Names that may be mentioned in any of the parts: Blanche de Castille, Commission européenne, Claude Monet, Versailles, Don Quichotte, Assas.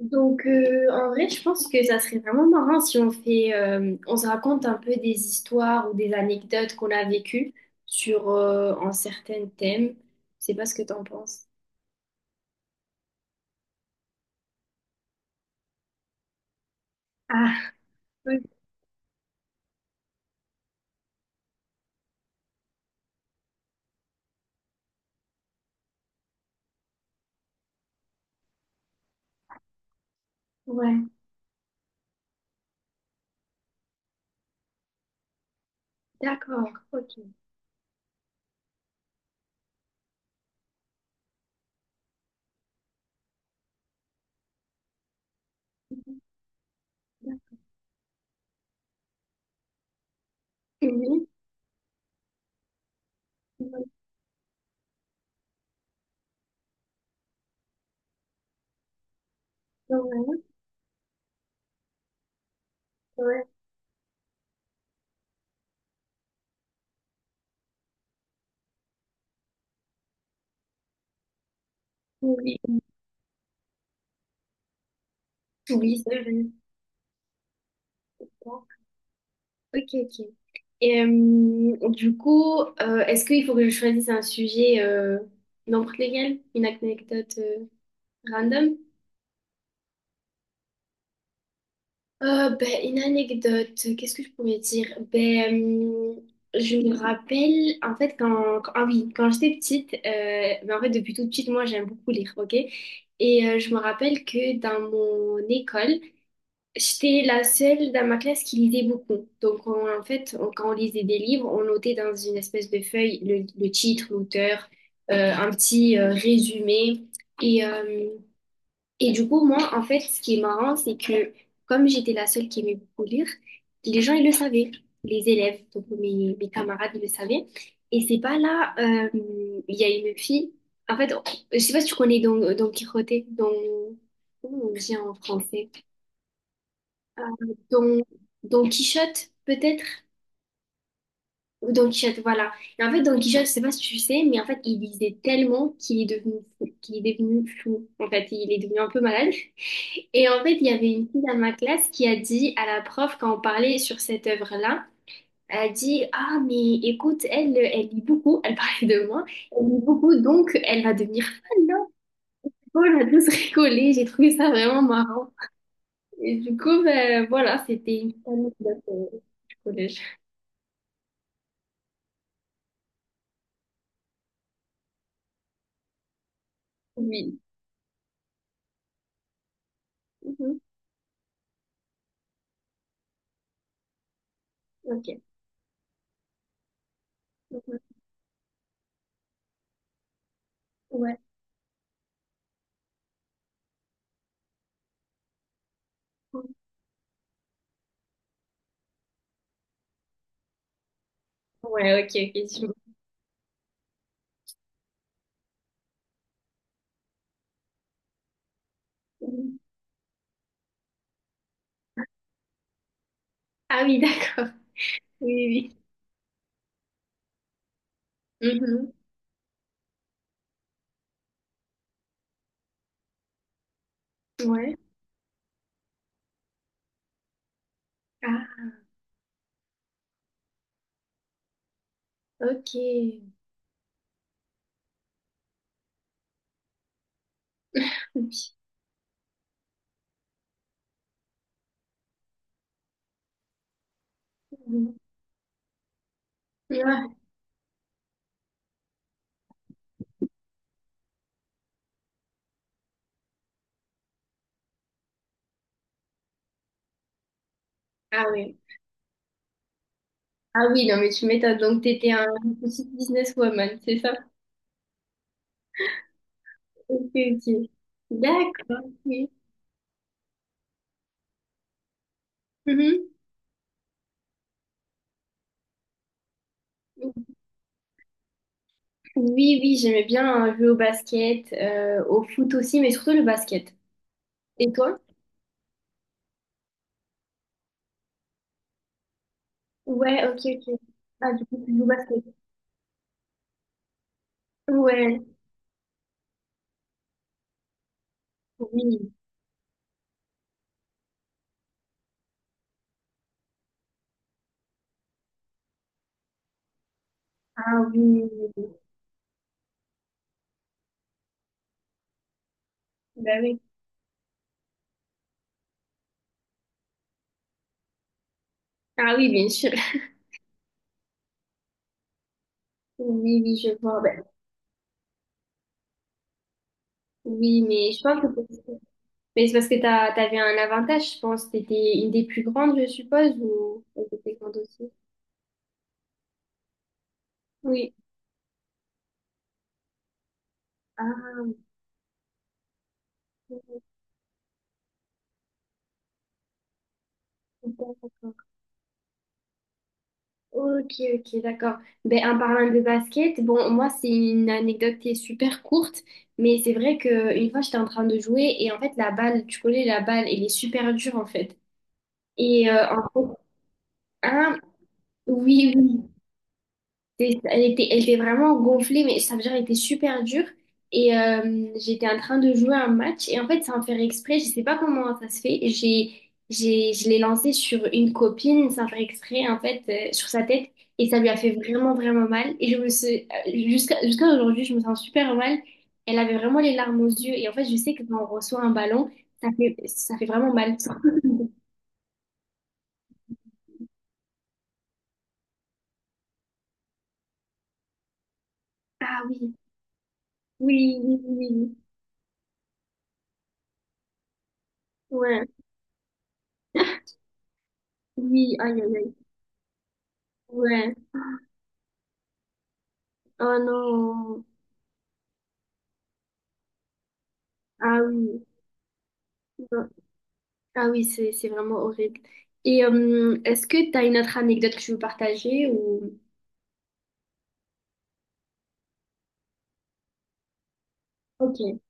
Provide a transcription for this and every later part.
Donc, en vrai, je pense que ça serait vraiment marrant si on fait, on se raconte un peu des histoires ou des anecdotes qu'on a vécues sur un certain thème. Je sais pas ce que t'en penses. Ah, oui, ouais, d'accord, ok. Oui, ouais, ouais, oui, oui, c'est vrai. Bon, ok, ok. Et du coup, est-ce qu'il faut que je choisisse un sujet, n'importe lequel, une anecdote random? Ben, une anecdote, qu'est-ce que je pourrais dire? Ben, je me rappelle, en fait, ah oui, quand j'étais petite, ben, en fait, depuis toute petite, moi, j'aime beaucoup lire, ok? Et je me rappelle que dans mon école, j'étais la seule dans ma classe qui lisait beaucoup. Donc, en fait, quand on lisait des livres, on notait dans une espèce de feuille le titre, l'auteur, un petit résumé. Et, euh, et du coup, moi, en fait, ce qui est marrant, c'est que comme j'étais la seule qui aimait beaucoup lire, les gens, ils le savaient. Les élèves, donc mes camarades, ils le savaient. Et c'est pas là, il y a une fille. En fait, je sais pas si tu connais Don Quichotte, Don... Comment on dit en français? Euh, Don, Don Quichotte, peut-être? Ou Don Quichotte, voilà. Et en fait, Don Quichotte, je sais pas si tu sais, mais en fait, il lisait tellement qu'il est devenu fou, qu'il est devenu fou. En fait, il est devenu un peu malade. Et en fait, il y avait une fille dans ma classe qui a dit à la prof, quand on parlait sur cette œuvre-là, elle a dit, ah, mais écoute, elle, elle lit beaucoup, elle parlait de moi, elle lit beaucoup, donc elle va devenir fan, non? On a tous rigolé, j'ai trouvé ça vraiment marrant. Et du coup, ben, voilà, c'était une petite anecdote du collège. Oui. Mhm. Ok. Mhm. Ouais. Ouais, ok, ok, je vois. Mhm. Ah oui, d'accord. Oui, oui, oui. Mhm. Ouais. Ah, ok. Ok. Ouais. Ah oui. Ah oui, non, mais tu m'étonnes. Donc, tu étais un une petite businesswoman, c'est ça? Ok, ok. D'accord, oui. Mhm. Oui, oui, j'aimais bien jouer au basket, au foot aussi, mais surtout le basket. Et toi? Ouais, ok, ok. Ah, du coup, tu joues au basket. Ouais, oui. Ah oui, oui, oui. Bah oui. Ah oui, bien sûr. Oui, oui, je vois. Ben, oui, mais je pense que c'est mais c'est parce que t'avais un avantage, je pense. T'étais une des plus grandes, je suppose, ou t'étais grande aussi? Oui. Ah, d'accord. Ok, ok, d'accord. Ben, en parlant de basket, bon, moi, c'est une anecdote qui est super courte, mais c'est vrai que une fois, j'étais en train de jouer et en fait, la balle, tu connais, la balle, elle est super dure en fait. Et en fait, hein, oui, oui, c'est- elle était, elle était vraiment gonflée, mais ça veut dire elle était super dure. Et j'étais en train de jouer un match. Et en fait, sans faire exprès, je sais pas comment ça se fait. Je l'ai lancé sur une copine sans faire exprès, en fait, sur sa tête. Et ça lui a fait vraiment, vraiment mal. Et je me suis, jusqu'à aujourd'hui, je me sens super mal. Elle avait vraiment les larmes aux yeux. Et en fait, je sais que quand on reçoit un ballon, ça fait vraiment mal. Ah oui, oui, oui, oui, oui. Ouais. Oui, aïe, aïe, aïe. Ouais. Oh non. Ah oui. Non. Ah oui, c'est vraiment horrible. Et est-ce que tu as une autre anecdote que tu veux partager ou... Ok.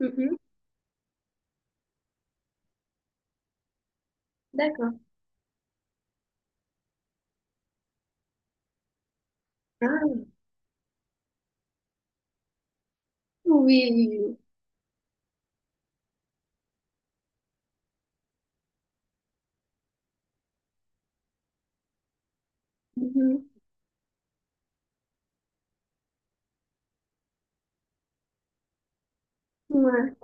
Mhm. D'accord. Ah, oui, oui, oui. Mhm. Ouais.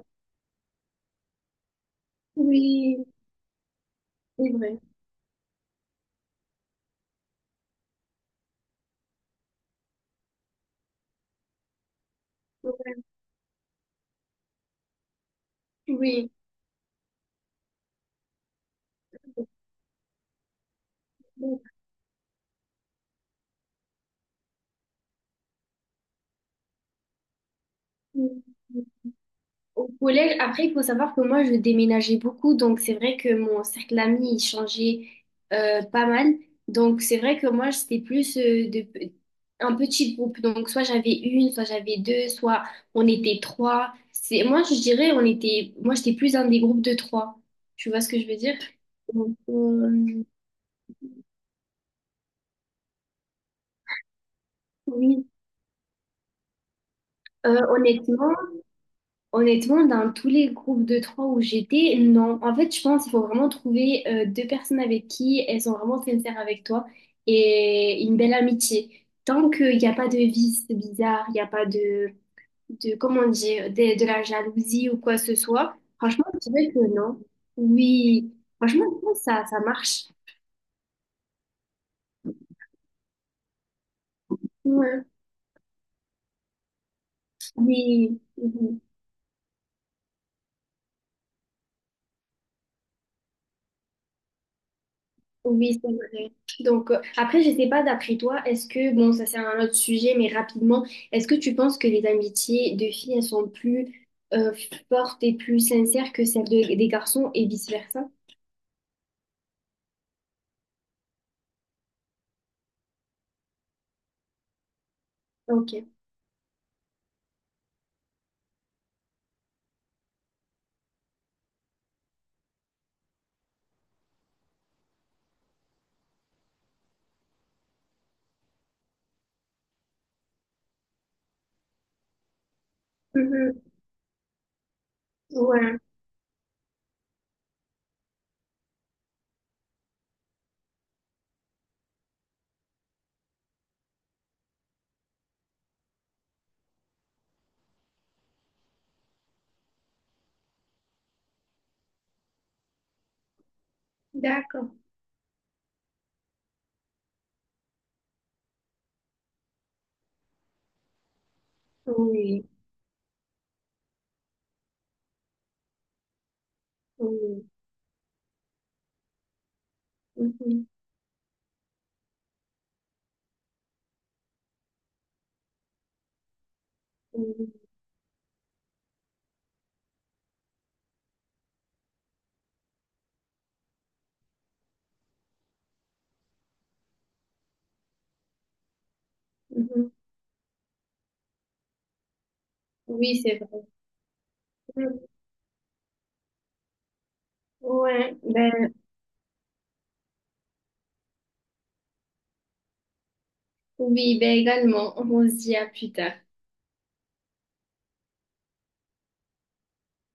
Oui, c'est vrai. Ouais. Oui. Au collège, après, il faut savoir que moi, je déménageais beaucoup, donc c'est vrai que mon cercle d'amis, il changeait pas mal. Donc c'est vrai que moi, c'était plus un petit groupe. Donc soit j'avais une, soit j'avais deux, soit on était trois. C'est, moi, je dirais, on était, moi, j'étais plus dans des groupes de trois. Tu vois ce que je veux dire? Donc, oui, Euh, honnêtement, honnêtement, dans tous les groupes de trois où j'étais, non. En fait, je pense qu'il faut vraiment trouver deux personnes avec qui elles sont vraiment sincères avec toi et une belle amitié. Tant qu'il n'y a pas de vice bizarre, il n'y a pas de, de comment dire, de la jalousie ou quoi que ce soit, franchement, je dirais que non. Oui, franchement, je pense que ça marche. Ouais. Mais, oui, c'est vrai. Donc, après, je sais pas, d'après toi, est-ce que, bon, ça c'est un autre sujet, mais rapidement, est-ce que tu penses que les amitiés de filles, elles sont plus euh, fortes et plus sincères que celles de- des garçons et vice-versa? Ok. Mhm. Ouais, d'accord. Oui, oui. Mhm. Oui, mhm. Oui, c'est vrai. Mhm. Ouais, ben, oui, ben également, on se dit à plus tard.